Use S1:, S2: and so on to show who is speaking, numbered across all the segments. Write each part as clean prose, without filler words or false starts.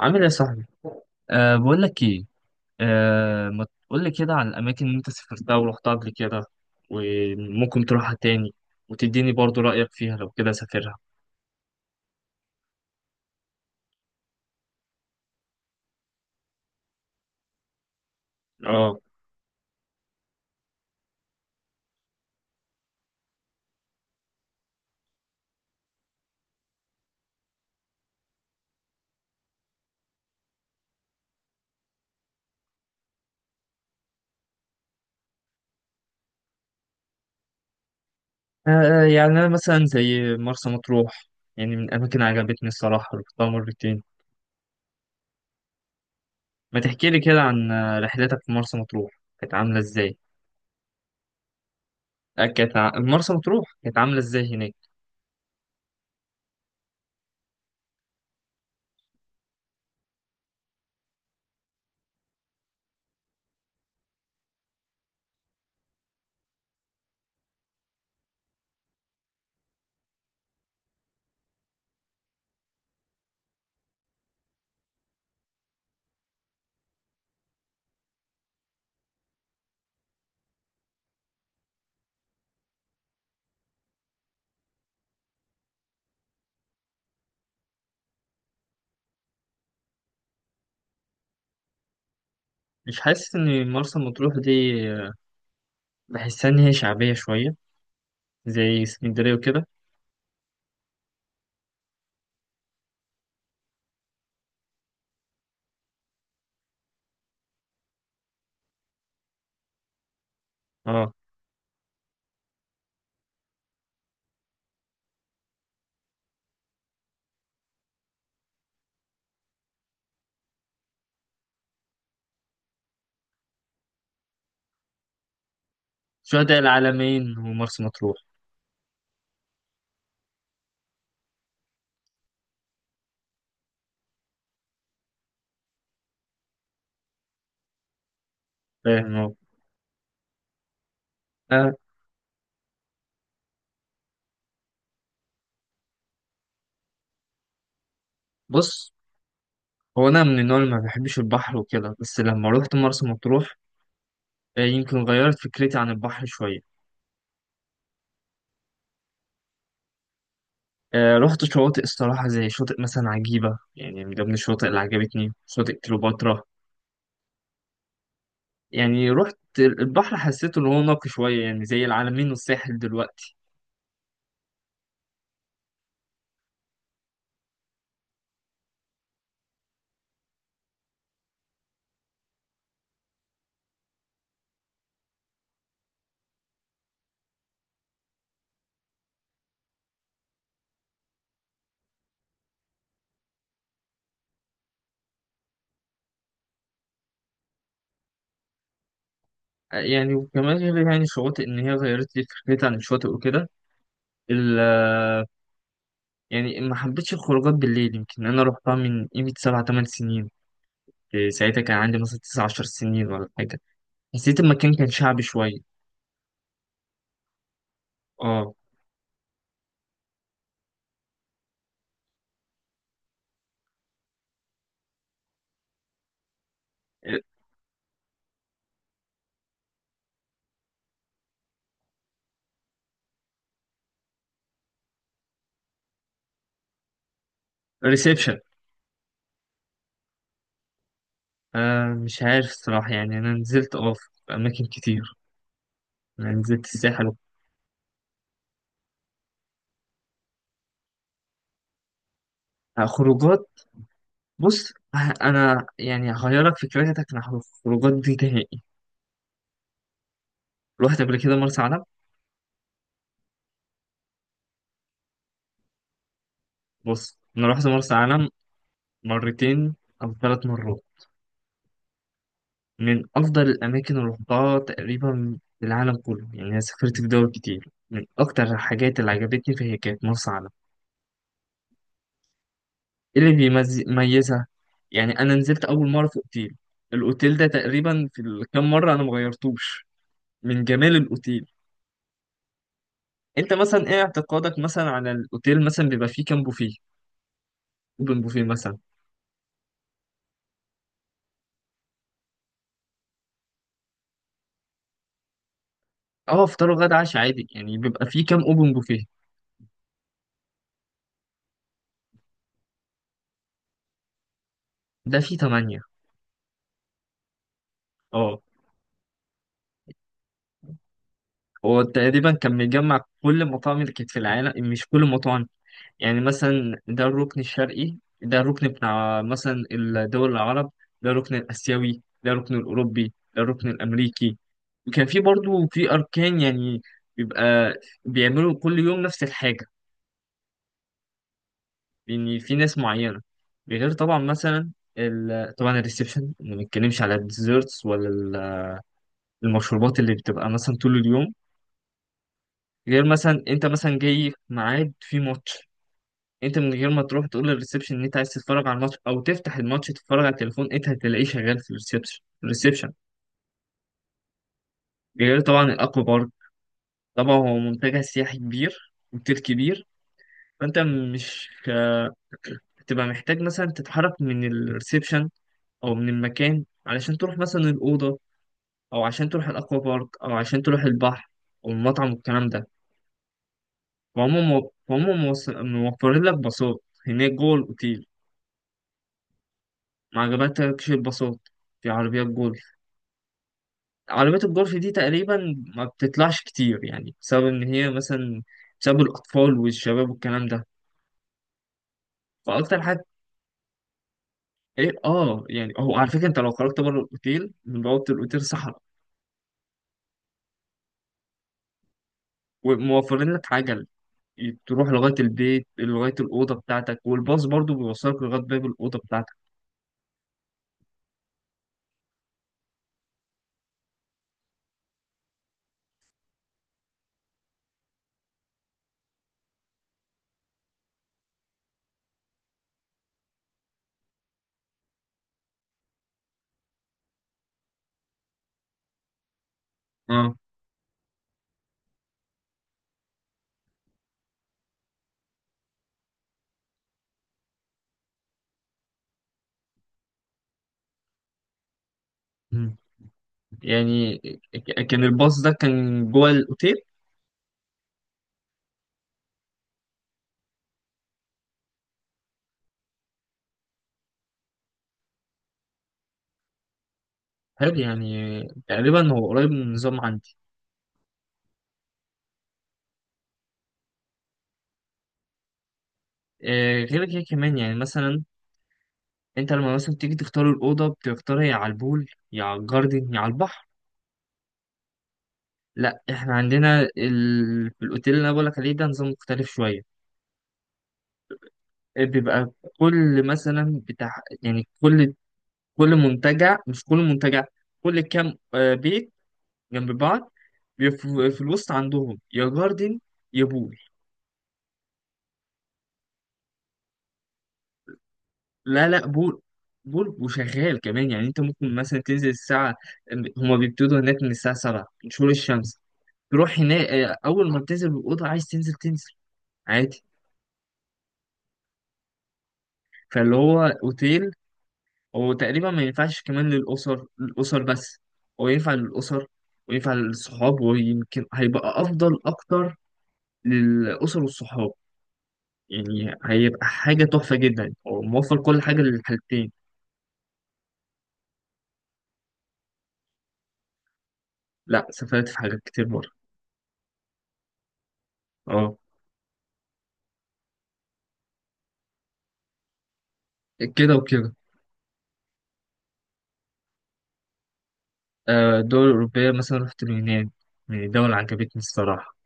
S1: عامل ايه يا صاحبي؟ بقول لك ايه. ما تقول لي كده عن الاماكن اللي انت سافرتها ورحتها قبل كده، وممكن تروحها تاني، وتديني برضو رأيك فيها لو كده سافرها. اه. يعني انا مثلا زي مرسى مطروح، يعني من الاماكن اللي عجبتني الصراحة رحتها مرتين. ما تحكي لي كده عن رحلتك في مرسى مطروح، كانت عاملة ازاي؟ كانت مرسى مطروح كانت عاملة ازاي هناك؟ مش حاسس ان مرسى مطروح دي، آه، بحسها ان هي شعبية شوية، زي اسكندرية وكده؟ اه، شهداء العالمين ومرسى مطروح. فاهم هو. آه بص، هو أنا من النوع اللي ما بحبش البحر وكده، بس لما روحت مرسى مطروح يمكن غيرت فكرتي عن البحر شوية. رحت شواطئ الصراحة، زي شاطئ مثلا عجيبة، يعني من ضمن الشواطئ اللي عجبتني شاطئ كليوباترا. يعني رحت البحر حسيته إن هو نقي شوية، يعني زي العلمين والساحل دلوقتي. يعني وكمان غير يعني الشواطئ إن هي غيرت لي فكرتي عن الشواطئ وكده. ال- يعني ما حبيتش الخروجات بالليل. يمكن انا روحتها من قيمة سبع تمن سنين، كنت ساعتها كان عندي مثلا 19 سنين ولا حاجة. حسيت المكان كان شعبي شوية. اه. ريسبشن. مش عارف الصراحة، يعني أنا نزلت في أماكن كتير. أنا نزلت الساحل خروجات. بص، أنا يعني هغيرك فكرتك عن الخروجات دي نهائي. رحت قبل كده مرسى علم. بص أنا رحت مرسى علم مرتين أو ثلاث مرات، من أفضل الأماكن اللي رحتها تقريبا في العالم كله. يعني أنا سافرت في دول كتير، من أكتر الحاجات اللي عجبتني فهي كانت مرسى علم. إيه اللي بيميزها؟ يعني انا نزلت اول مره في اوتيل، الاوتيل ده تقريبا في الكام مره انا مغيرتوش، من جمال الاوتيل. انت مثلا ايه اعتقادك مثلا على الاوتيل، مثلا بيبقى فيه كام بوفيه، اوبن بوفيه مثلا؟ اه، فطار وغدا عشاء عادي، يعني بيبقى فيه كام اوبن بوفيه؟ ده فيه تمانية. اه. هو تقريبا كان مجمع كل المطاعم اللي كانت في العالم. مش كل المطاعم، يعني مثلا ده الركن الشرقي، ده الركن بتاع مثلا الدول العرب، ده الركن الآسيوي، ده الركن الأوروبي، ده الركن الأمريكي. وكان في برضو في أركان، يعني بيبقى بيعملوا كل يوم نفس الحاجة، لأن في ناس معينة. غير طبعا مثلا طبعا الريسبشن، ما بنتكلمش على الديزرتس ولا المشروبات اللي بتبقى مثلا طول اليوم. غير مثلا انت مثلا جاي في ميعاد في ماتش، انت من غير ما تروح تقول للريسبشن ان انت عايز تتفرج على الماتش او تفتح الماتش تتفرج على التليفون، انت هتلاقيه شغال في الريسبشن. غير طبعا الاكوا بارك، طبعا هو منتجع سياحي كبير، اوتيل كبير. فانت مش هتبقى محتاج مثلا تتحرك من الريسبشن او من المكان علشان تروح مثلا الاوضه، او عشان تروح الاكوا بارك، او عشان تروح البحر، او المطعم والكلام ده. فهم موفرين لك باصات هناك جوه الاوتيل. ما عجبتكش الباصات؟ في عربيات جوه، عربيات الجولف دي تقريبا ما بتطلعش كتير، يعني بسبب ان هي مثلا، بسبب الاطفال والشباب والكلام ده. فاكتر حاجه ايه، اه يعني هو على فكره انت لو خرجت بره الاوتيل، من بوابه الاوتيل صحراء. وموفرين لك عجل، تروح لغايه البيت لغايه الاوضه بتاعتك، والباص برضو بيوصلك لغايه باب الاوضه بتاعتك. اه. مم. يعني كان الباص ده كان جوه الاوتيل؟ حلو. يعني تقريبا هو قريب من النظام عندي. غير كده كمان يعني مثلا، انت لما مثلا تيجي تختار الأوضة بتختارها يا على البول، يا على الجاردن، يا على البحر. لا، احنا عندنا في الأوتيل اللي أنا بقولك عليه ده نظام مختلف شوية. بيبقى كل مثلا بتاع، يعني كل، كل منتجع، مش كل منتجع، كل كام بيت جنب بعض، بيبقى في الوسط عندهم يا جاردن يا بول. لا لا، بول. بول وشغال كمان، يعني انت ممكن مثلا تنزل الساعة، هما بيبتدوا هناك من الساعة 7 من شروق الشمس، تروح هناك اول ما بتنزل من الاوضه عايز تنزل تنزل عادي. فاللي هو اوتيل، هو تقريبا ما ينفعش كمان للاسر، بس هو ينفع للاسر وينفع للصحاب، ويمكن هيبقى افضل اكتر للاسر والصحاب. يعني هيبقى حاجه تحفه جدا، هو موفر كل حاجه للحالتين. لا سافرت في حاجات كتير بره. اه. كده وكده. الدول الاوروبيه مثلا رحت اليونان، من الدول اللي عجبتني الصراحه.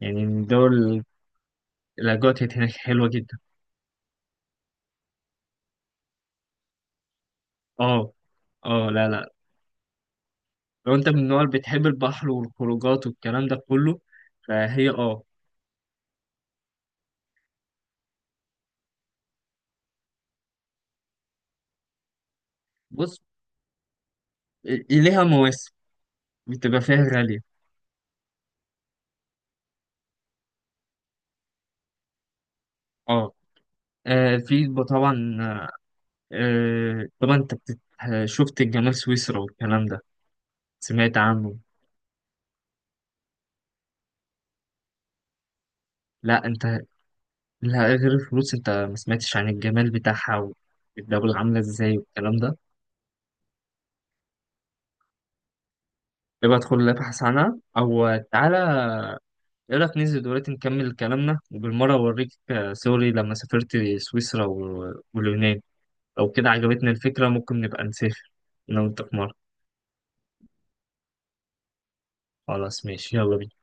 S1: يعني من الدول الاجواء كانت هناك حلوه جدا. اه اه، لا لا، لو انت من النوع اللي بتحب البحر والخروجات والكلام ده كله فهي، اه. بص، ليها مواسم بتبقى فيها غالية. اه. في طبعا، طبعا انت شفت الجمال سويسرا والكلام ده، سمعت عنه؟ لا انت، لا غير الفلوس، انت ما سمعتش عن الجمال بتاعها والدولة عاملة ازاي والكلام ده. يبقى ادخل ابحث عنها، او تعالى، ايه رأيك ننزل دلوقتي نكمل كلامنا، وبالمرة أوريك صوري لما سافرت سويسرا واليونان. لو كده عجبتنا الفكرة ممكن نبقى نسافر أنا وأنت في مرة. خلاص ماشي، يلا بينا.